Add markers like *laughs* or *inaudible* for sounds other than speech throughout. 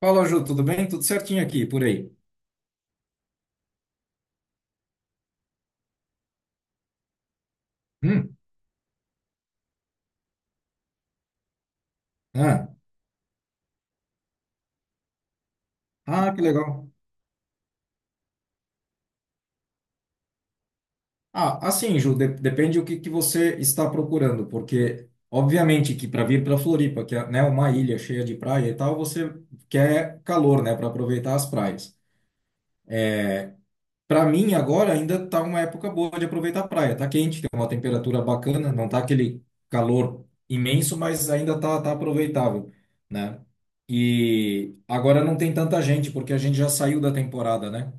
Fala, Ju, tudo bem? Tudo certinho aqui, por aí. Hum. Ah, ah, que legal. Ah, assim, Ju, depende do que você está procurando, porque, obviamente, que para vir para Floripa, que é, né, uma ilha cheia de praia e tal, você quer calor, né, para aproveitar as praias. Para mim, agora ainda tá uma época boa de aproveitar a praia. Tá quente, tem uma temperatura bacana, não tá aquele calor imenso, mas ainda tá aproveitável, né? E agora não tem tanta gente, porque a gente já saiu da temporada, né?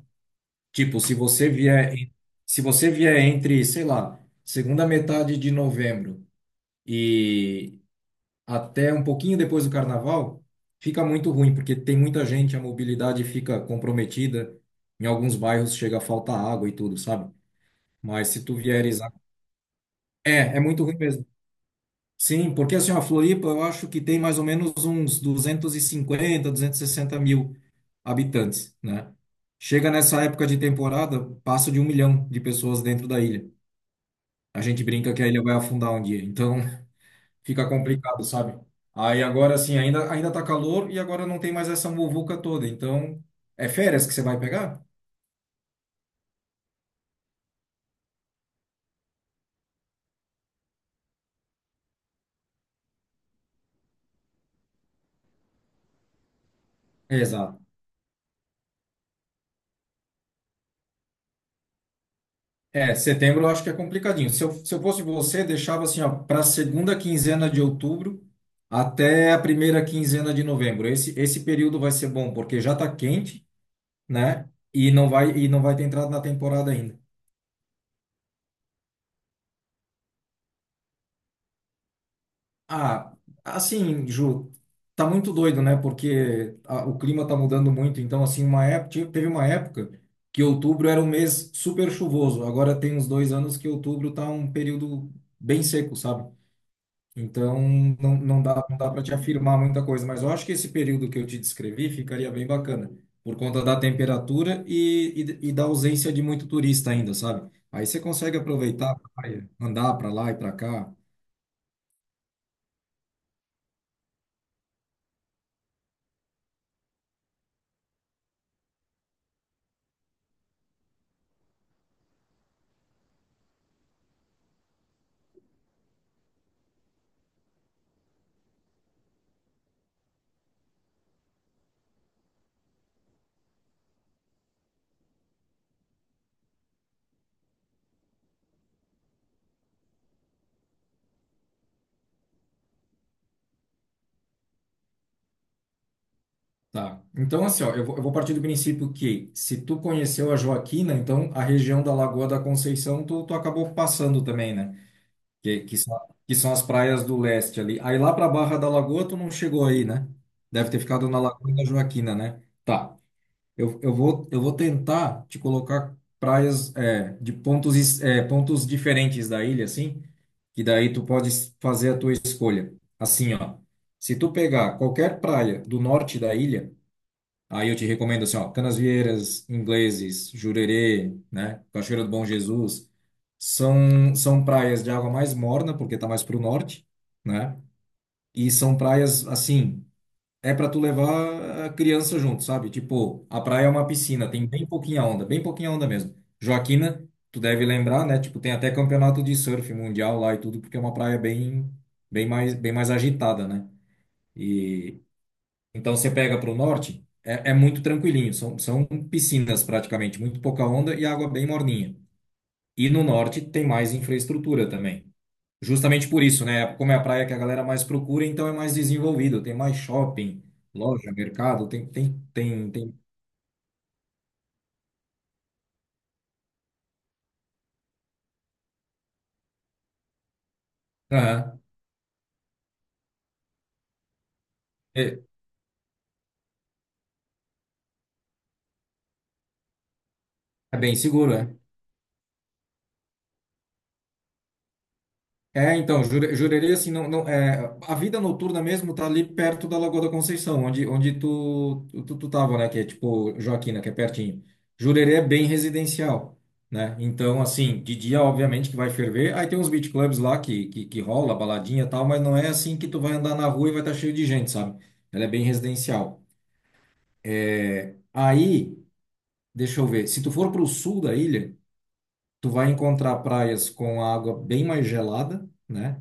Tipo, se você vier entre, sei lá, segunda metade de novembro e até um pouquinho depois do carnaval, fica muito ruim, porque tem muita gente, a mobilidade fica comprometida, em alguns bairros chega a faltar água e tudo, sabe? Mas se tu vieres. É, é muito ruim mesmo. Sim, porque assim, a Floripa, eu acho que tem mais ou menos uns 200, 250, 260 mil habitantes, né? Chega nessa época de temporada, passa de 1 milhão de pessoas dentro da ilha. A gente brinca que a ilha vai afundar um dia, então *laughs* fica complicado, sabe? Aí agora assim, ainda tá calor e agora não tem mais essa muvuca toda, então é férias que você vai pegar? Exato. É, setembro eu acho que é complicadinho. Se eu fosse você, deixava assim, ó, para segunda quinzena de outubro até a primeira quinzena de novembro. Esse período vai ser bom porque já tá quente, né? E não vai ter entrado na temporada ainda. Ah, assim, Ju, tá muito doido, né? Porque o clima tá mudando muito. Então, assim, uma época, teve uma época que outubro era um mês super chuvoso. Agora tem uns 2 anos que outubro tá um período bem seco, sabe? Então, não dá para te afirmar muita coisa. Mas eu acho que esse período que eu te descrevi ficaria bem bacana, por conta da temperatura e da ausência de muito turista ainda, sabe? Aí você consegue aproveitar a praia, andar para lá e para cá. Tá. Então, assim, ó, eu vou partir do princípio que se tu conheceu a Joaquina, então a região da Lagoa da Conceição tu acabou passando também, né? Que, que são, que são as praias do leste ali. Aí lá pra Barra da Lagoa tu não chegou aí, né? Deve ter ficado na Lagoa da Joaquina, né? Tá. Eu vou tentar te colocar praias é, de pontos, é, pontos diferentes da ilha, assim, que daí tu pode fazer a tua escolha. Assim, ó. Se tu pegar qualquer praia do norte da ilha, aí eu te recomendo assim, ó, Canasvieiras, Ingleses, Jurerê, né, Cachoeira do Bom Jesus, são praias de água mais morna, porque tá mais pro norte, né? E são praias assim, é para tu levar a criança junto, sabe? Tipo, a praia é uma piscina, tem bem pouquinha onda mesmo. Joaquina, tu deve lembrar, né? Tipo, tem até campeonato de surf mundial lá e tudo, porque é uma praia bem mais agitada, né? E então você pega para o norte, é, é muito tranquilinho, são piscinas praticamente, muito pouca onda e água bem morninha. E no norte tem mais infraestrutura também. Justamente por isso, né? Como é a praia que a galera mais procura, então é mais desenvolvido, tem mais shopping, loja, mercado, tem, tem, tem, tem. Aham. É, é bem seguro, é. É, então, Jurerê, assim, não, não, é, a vida noturna mesmo tá ali perto da Lagoa da Conceição, onde tu tava, né, que é tipo Joaquina, que é pertinho. Jurerê é bem residencial, né, então, assim, de dia, obviamente, que vai ferver, aí tem uns beach clubs lá que rola, baladinha e tal, mas não é assim que tu vai andar na rua e vai estar cheio de gente, sabe? Ela é bem residencial. É, aí, deixa eu ver, se tu for pro sul da ilha, tu vai encontrar praias com água bem mais gelada, né,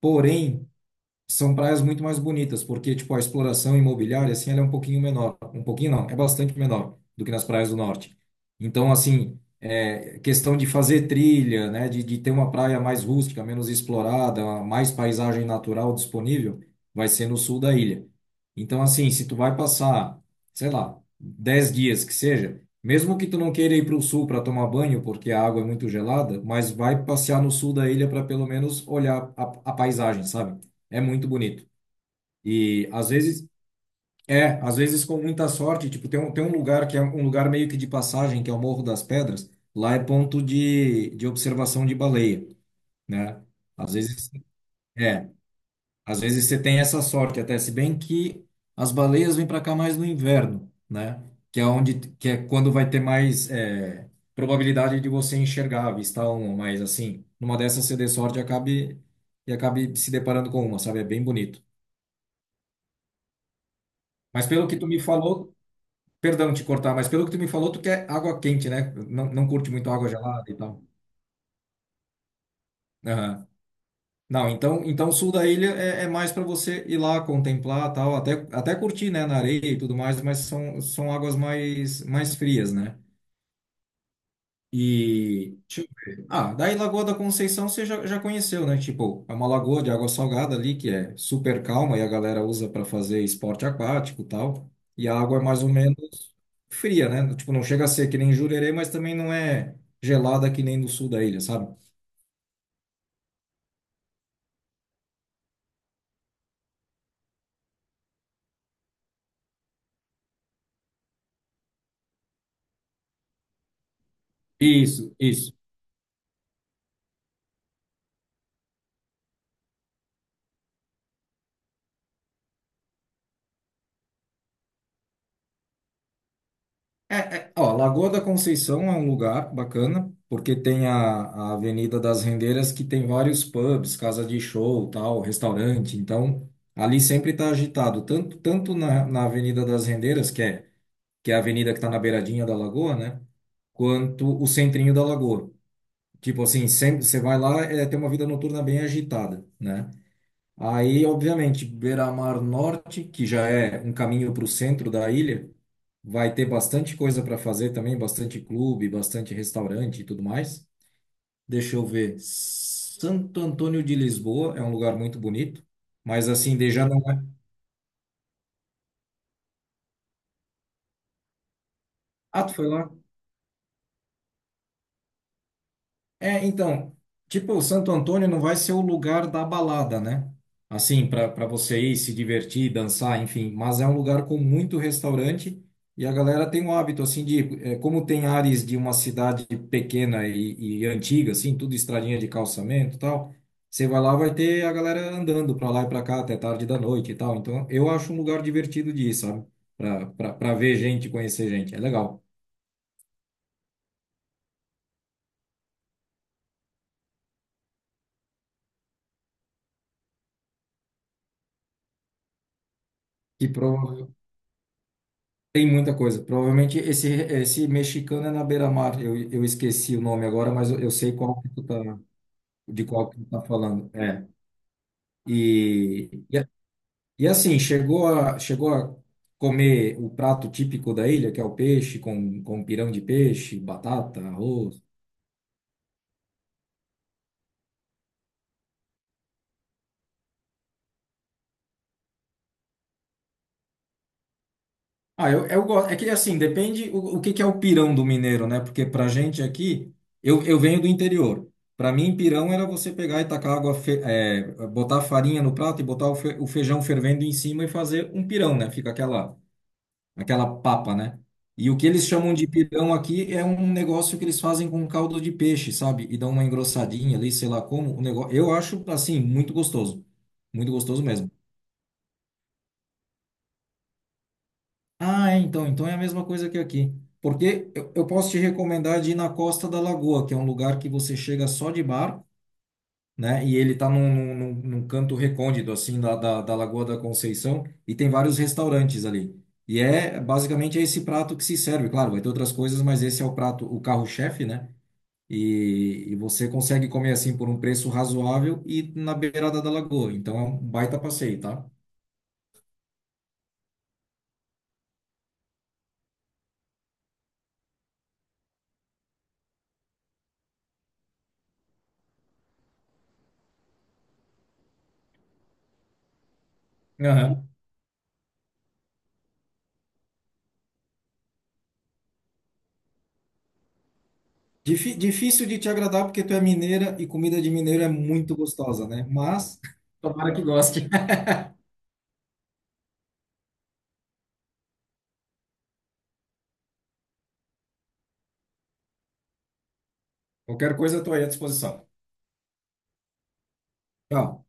porém são praias muito mais bonitas, porque tipo a exploração imobiliária assim, ela é um pouquinho menor, um pouquinho não, é bastante menor do que nas praias do norte. Então, assim, é questão de fazer trilha, né, de ter uma praia mais rústica, menos explorada, mais paisagem natural disponível, vai ser no sul da ilha. Então, assim, se tu vai passar, sei lá, 10 dias que seja, mesmo que tu não queira ir para o sul para tomar banho, porque a água é muito gelada, mas vai passear no sul da ilha para pelo menos olhar a paisagem, sabe? É muito bonito. E às vezes, é, às vezes com muita sorte, tipo, tem um lugar que é um lugar meio que de passagem, que é o Morro das Pedras, lá é ponto de observação de baleia, né? Às vezes, é, às vezes você tem essa sorte, até se bem que as baleias vêm para cá mais no inverno, né? Que é onde, que é quando vai ter mais é, probabilidade de você enxergar, avistar uma, mas assim, numa dessas você dê sorte e acabe se deparando com uma, sabe? É bem bonito. Mas pelo que tu me falou, perdão te cortar, mas pelo que tu me falou, tu quer água quente, né? Não, não curte muito água gelada e tal. Aham. Não, então o sul da ilha é mais para você ir lá contemplar, tal, até curtir, né, na areia e tudo mais, mas são águas mais frias, né? E, deixa eu ver. Ah, daí Lagoa da Conceição você já conheceu, né? Tipo, é uma lagoa de água salgada ali que é super calma e a galera usa para fazer esporte aquático e tal. E a água é mais ou menos fria, né? Tipo, não chega a ser que nem Jurerê, mas também não é gelada que nem no sul da ilha, sabe? Isso, isso. É, ó, Lagoa da Conceição é um lugar bacana, porque tem a Avenida das Rendeiras que tem vários pubs, casa de show, tal, restaurante. Então, ali sempre está agitado, tanto na Avenida das Rendeiras, que é a avenida que está na beiradinha da lagoa, né? Quanto o centrinho da lagoa. Tipo assim, sempre você vai lá, é, tem uma vida noturna bem agitada, né? Aí, obviamente, Beira-Mar Norte, que já é um caminho para o centro da ilha, vai ter bastante coisa para fazer também, bastante clube, bastante restaurante e tudo mais. Deixa eu ver. Santo Antônio de Lisboa é um lugar muito bonito, mas assim, de já não é. Ah, tu foi lá? É, então, tipo, o Santo Antônio não vai ser o lugar da balada, né? Assim, para você ir se divertir, dançar, enfim, mas é um lugar com muito restaurante e a galera tem o hábito, assim, de, é, como tem áreas de uma cidade pequena e antiga, assim, tudo estradinha de calçamento e tal, você vai lá, vai ter a galera andando para lá e para cá até tarde da noite e tal. Então, eu acho um lugar divertido de ir, sabe? Para ver gente, conhecer gente, é legal. E tem muita coisa. Provavelmente esse mexicano é na beira-mar. Eu esqueci o nome agora, mas eu sei qual que tu tá, de qual que tu tá falando. É. E, e, a- e assim, chegou a comer o prato típico da ilha, que é o peixe, com pirão de peixe, batata, arroz. Ah, eu gosto. É que assim, depende o que que é o pirão do mineiro, né? Porque pra gente aqui, eu venho do interior. Pra mim, pirão era você pegar e tacar água, é, botar farinha no prato e botar o feijão fervendo em cima e fazer um pirão, né? Fica aquela papa, né? E o que eles chamam de pirão aqui é um negócio que eles fazem com caldo de peixe, sabe? E dão uma engrossadinha ali, sei lá como. O negócio, eu acho, assim, muito gostoso. Muito gostoso mesmo. Ah, é, então é a mesma coisa que aqui. Porque eu posso te recomendar de ir na Costa da Lagoa, que é um lugar que você chega só de barco, né? E ele tá num canto recôndito, assim, da Lagoa da Conceição, e tem vários restaurantes ali. E é basicamente é esse prato que se serve. Claro, vai ter outras coisas, mas esse é o prato, o carro-chefe, né? E você consegue comer assim por um preço razoável e na beirada da lagoa. Então é um baita passeio, tá? Aham. Difícil de te agradar porque tu é mineira e comida de mineiro é muito gostosa, né? Mas tomara que goste. *laughs* Qualquer coisa eu tô aí à disposição. Tchau.